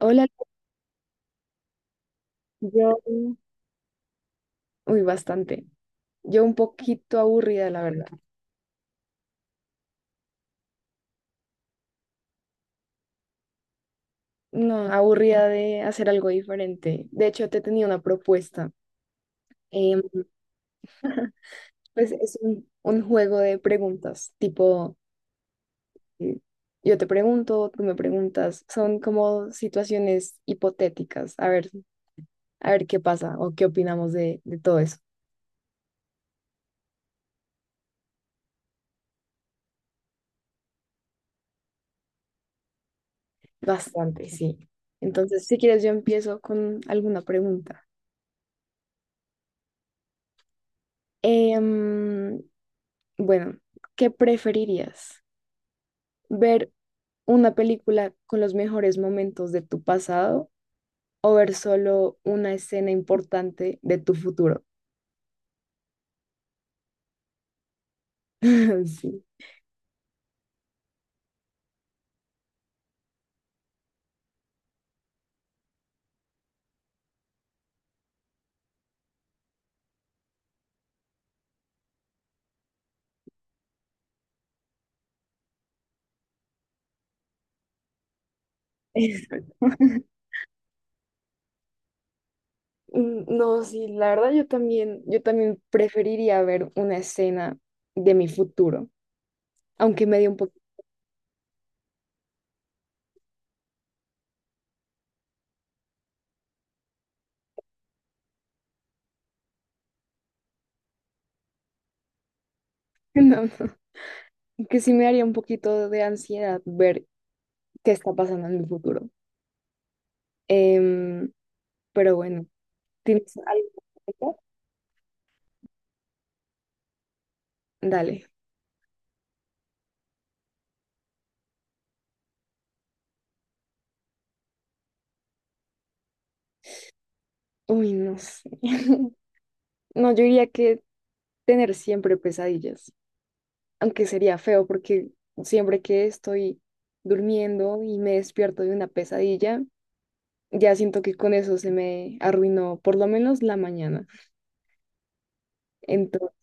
Hola, yo, uy, bastante. Yo un poquito aburrida, la verdad. No, aburrida de hacer algo diferente. De hecho, te tenía una propuesta. Em, pues es un juego de preguntas, tipo, eh, yo te pregunto, tú me preguntas. Son como situaciones hipotéticas. A ver qué pasa o qué opinamos de todo eso. Bastante, sí. Entonces, si quieres, yo empiezo con alguna pregunta. Em, bueno, ¿qué preferirías? Ver una película con los mejores momentos de tu pasado o ver solo una escena importante de tu futuro. Sí. Exacto. Mm, no, sí, la verdad yo también preferiría ver una escena de mi futuro, aunque me dio un poquito, no, no, que sí me daría un poquito de ansiedad ver qué está pasando en mi futuro. Em, pero bueno, ¿tienes algo que comentar? Dale. Uy, no sé. No, yo diría que tener siempre pesadillas, aunque sería feo porque siempre que estoy durmiendo y me despierto de una pesadilla, ya siento que con eso se me arruinó por lo menos la mañana. Entonces,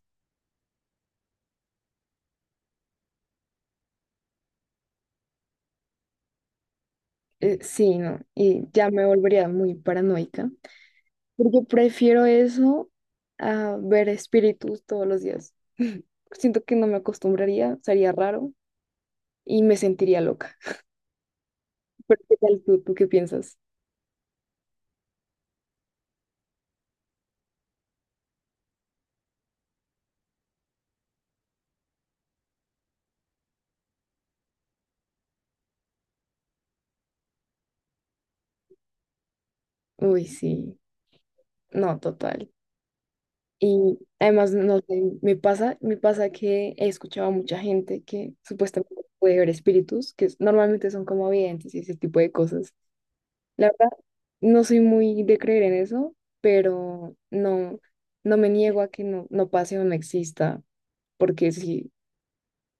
sí, no, y ya me volvería muy paranoica, porque prefiero eso a ver espíritus todos los días. Siento que no me acostumbraría, sería raro y me sentiría loca. Pero ¿qué tal tú? ¿Tú qué piensas? Uy, sí. No, total. Y además, no sé, me pasa que he escuchado a mucha gente que supuestamente puede ver espíritus, que es- normalmente son como videntes y ese tipo de cosas. La verdad, no soy muy de creer en eso, pero no, no me niego a que no, no pase o no exista, porque sí,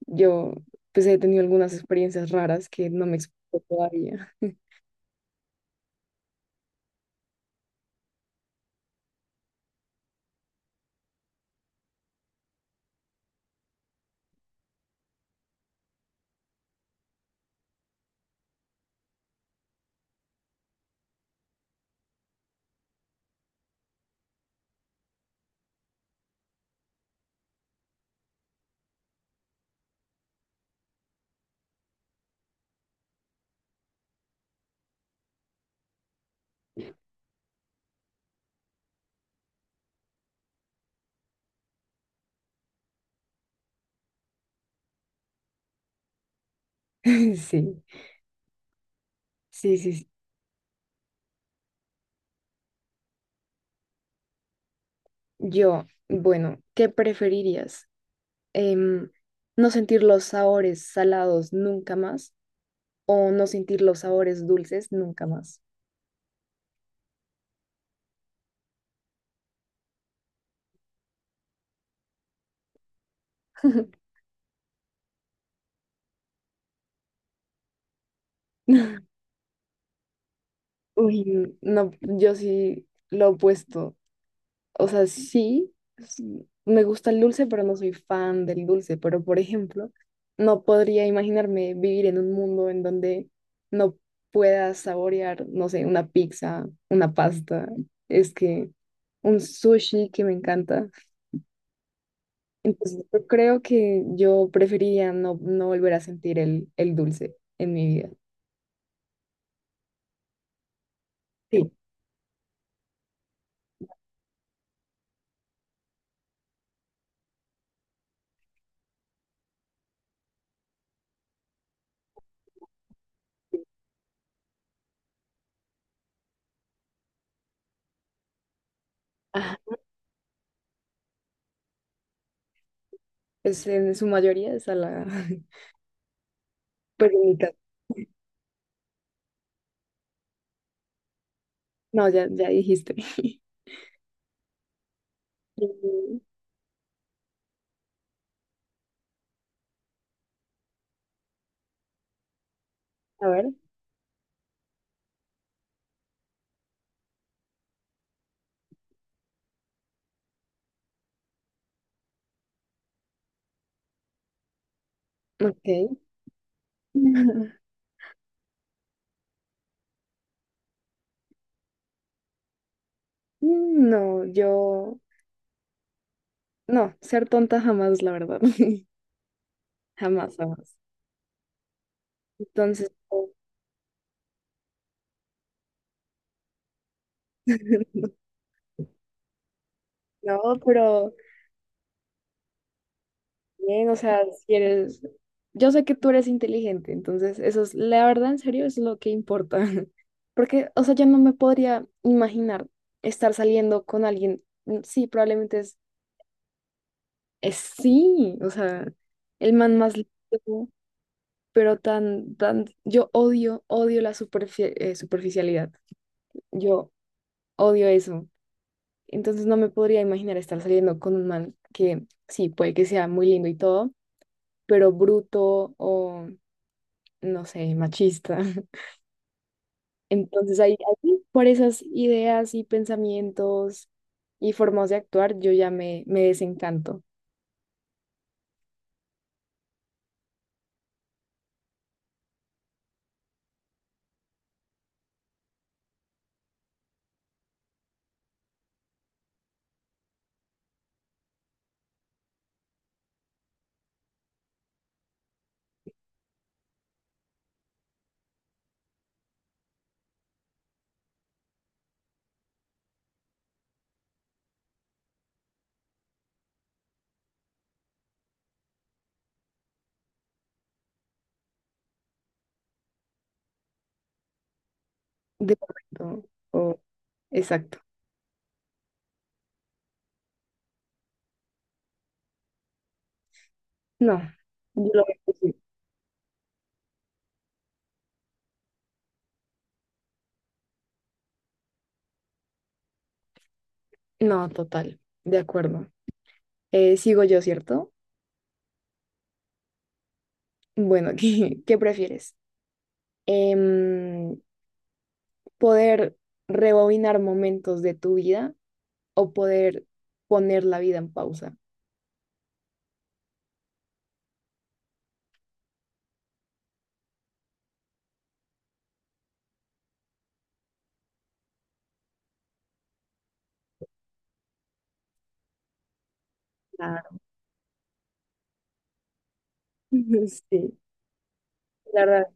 yo pues he tenido algunas experiencias raras que no me explico todavía. Sí, sí, sí, sí. Yo, bueno, ¿qué preferirías? em, no sentir los sabores salados nunca más o no sentir los sabores dulces nunca más. Uy, no, yo sí lo opuesto. O sea, sí, sí, me gusta el dulce, pero no soy fan del dulce. Pero, por ejemplo, no podría imaginarme vivir en un mundo en donde no pueda saborear, no sé, una pizza, una pasta, es que un sushi que me encanta. Entonces, yo creo que yo preferiría no, no volver a sentir el dulce en mi vida. Sí, ajá. Es en su mayoría es a la... Pues en mi caso. No, ya, ya dijiste. Mm, a ver. Ok. No, yo... No, ser tonta jamás, la verdad. Jamás, jamás. Entonces, no, pero bien, o sea, si eres, yo sé que tú eres inteligente, entonces eso es, la verdad, en serio, es lo que importa. Porque, o sea, yo no me podría imaginar estar saliendo con alguien, mm, sí, probablemente es sí, o sea, el man más lindo, pero tan, tan, yo odio, odio la superfi- superficialidad, yo odio eso. Entonces no me podría imaginar estar saliendo con un man que sí, puede que sea muy lindo y todo, pero bruto o no sé, machista. Entonces ahí, ahí, por esas ideas y pensamientos y formas de actuar, yo ya me desencanto de momento. O, exacto. No, yo lo veo así. No, total, de acuerdo. Sigo yo, ¿cierto? Bueno, ¿qué, qué prefieres? Em, ¿Poder rebobinar momentos de tu vida o poder poner la vida en pausa? Claro. Sí, la verdad,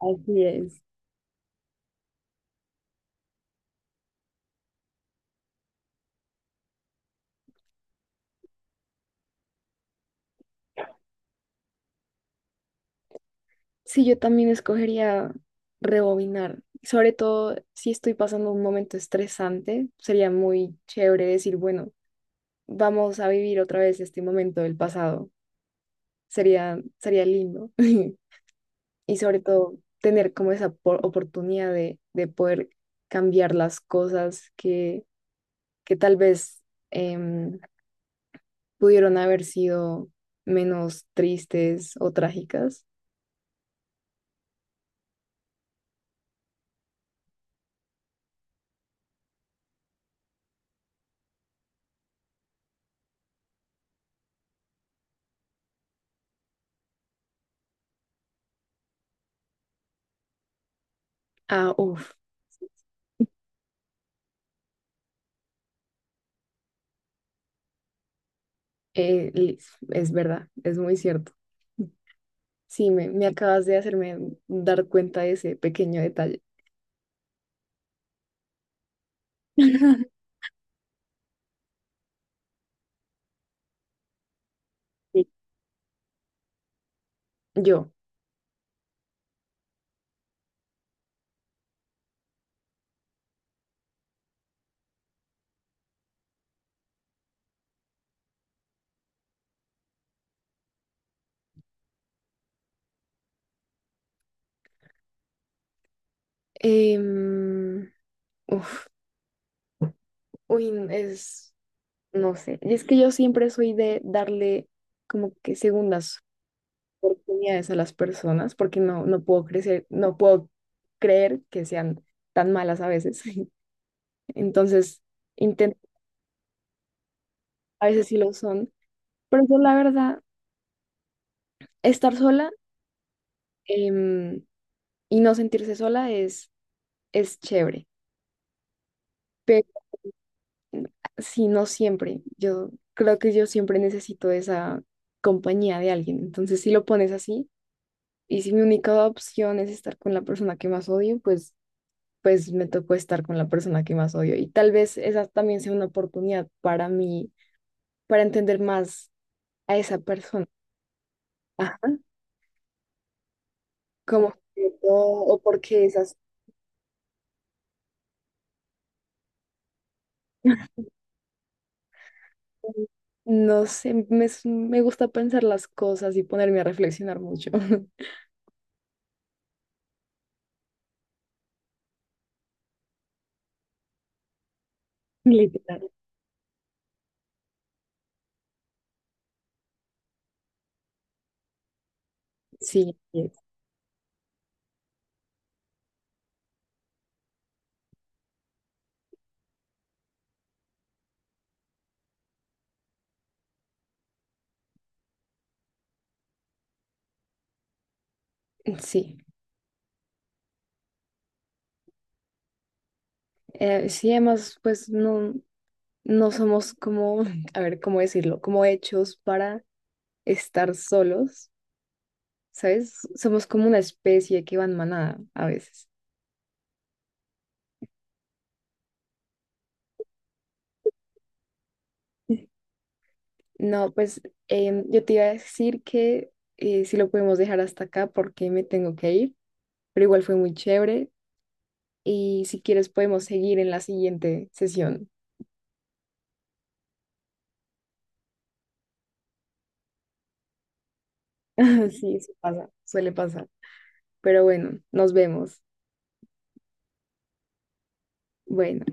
así es. Sí, yo también escogería rebobinar, sobre todo si estoy pasando un momento estresante, sería muy chévere decir, bueno, vamos a vivir otra vez este momento del pasado. Sería, sería lindo. Y sobre todo tener como esa por- oportunidad de poder cambiar las cosas que tal vez em, pudieron haber sido menos tristes o trágicas. Ah, uff, es verdad, es muy cierto. Sí, me acabas de hacerme dar cuenta de ese pequeño detalle. Sí. Yo, em, uf, uy, n- es, no sé, es que yo siempre soy de darle como que segundas oportunidades a las personas porque no, no puedo crecer, no puedo creer que sean tan malas a veces. Entonces, intento, a veces sí lo son, pero yo la verdad, estar sola, em, y no sentirse sola es chévere, pero si no siempre, yo creo que yo siempre necesito esa compañía de alguien. Entonces, si lo pones así y si mi única opción es estar con la persona que más odio, pues pues me tocó estar con la persona que más odio. Y tal vez esa también sea una oportunidad para mí, para entender más a esa persona. Ajá. Como o porque esas, no sé, s- me gusta pensar las cosas y ponerme a reflexionar mucho. Literal. Sí, sí. Sí, eh, sí, además, pues no, no somos como, a ver, ¿cómo decirlo? Como hechos para estar solos. ¿Sabes? Somos como una especie que va en manada a veces. No, pues yo te iba a decir que si lo podemos dejar hasta acá porque me tengo que ir, pero igual fue muy chévere y si quieres podemos seguir en la siguiente sesión. Sí, eso pasa, suele pasar. Pero bueno, nos vemos. Bueno.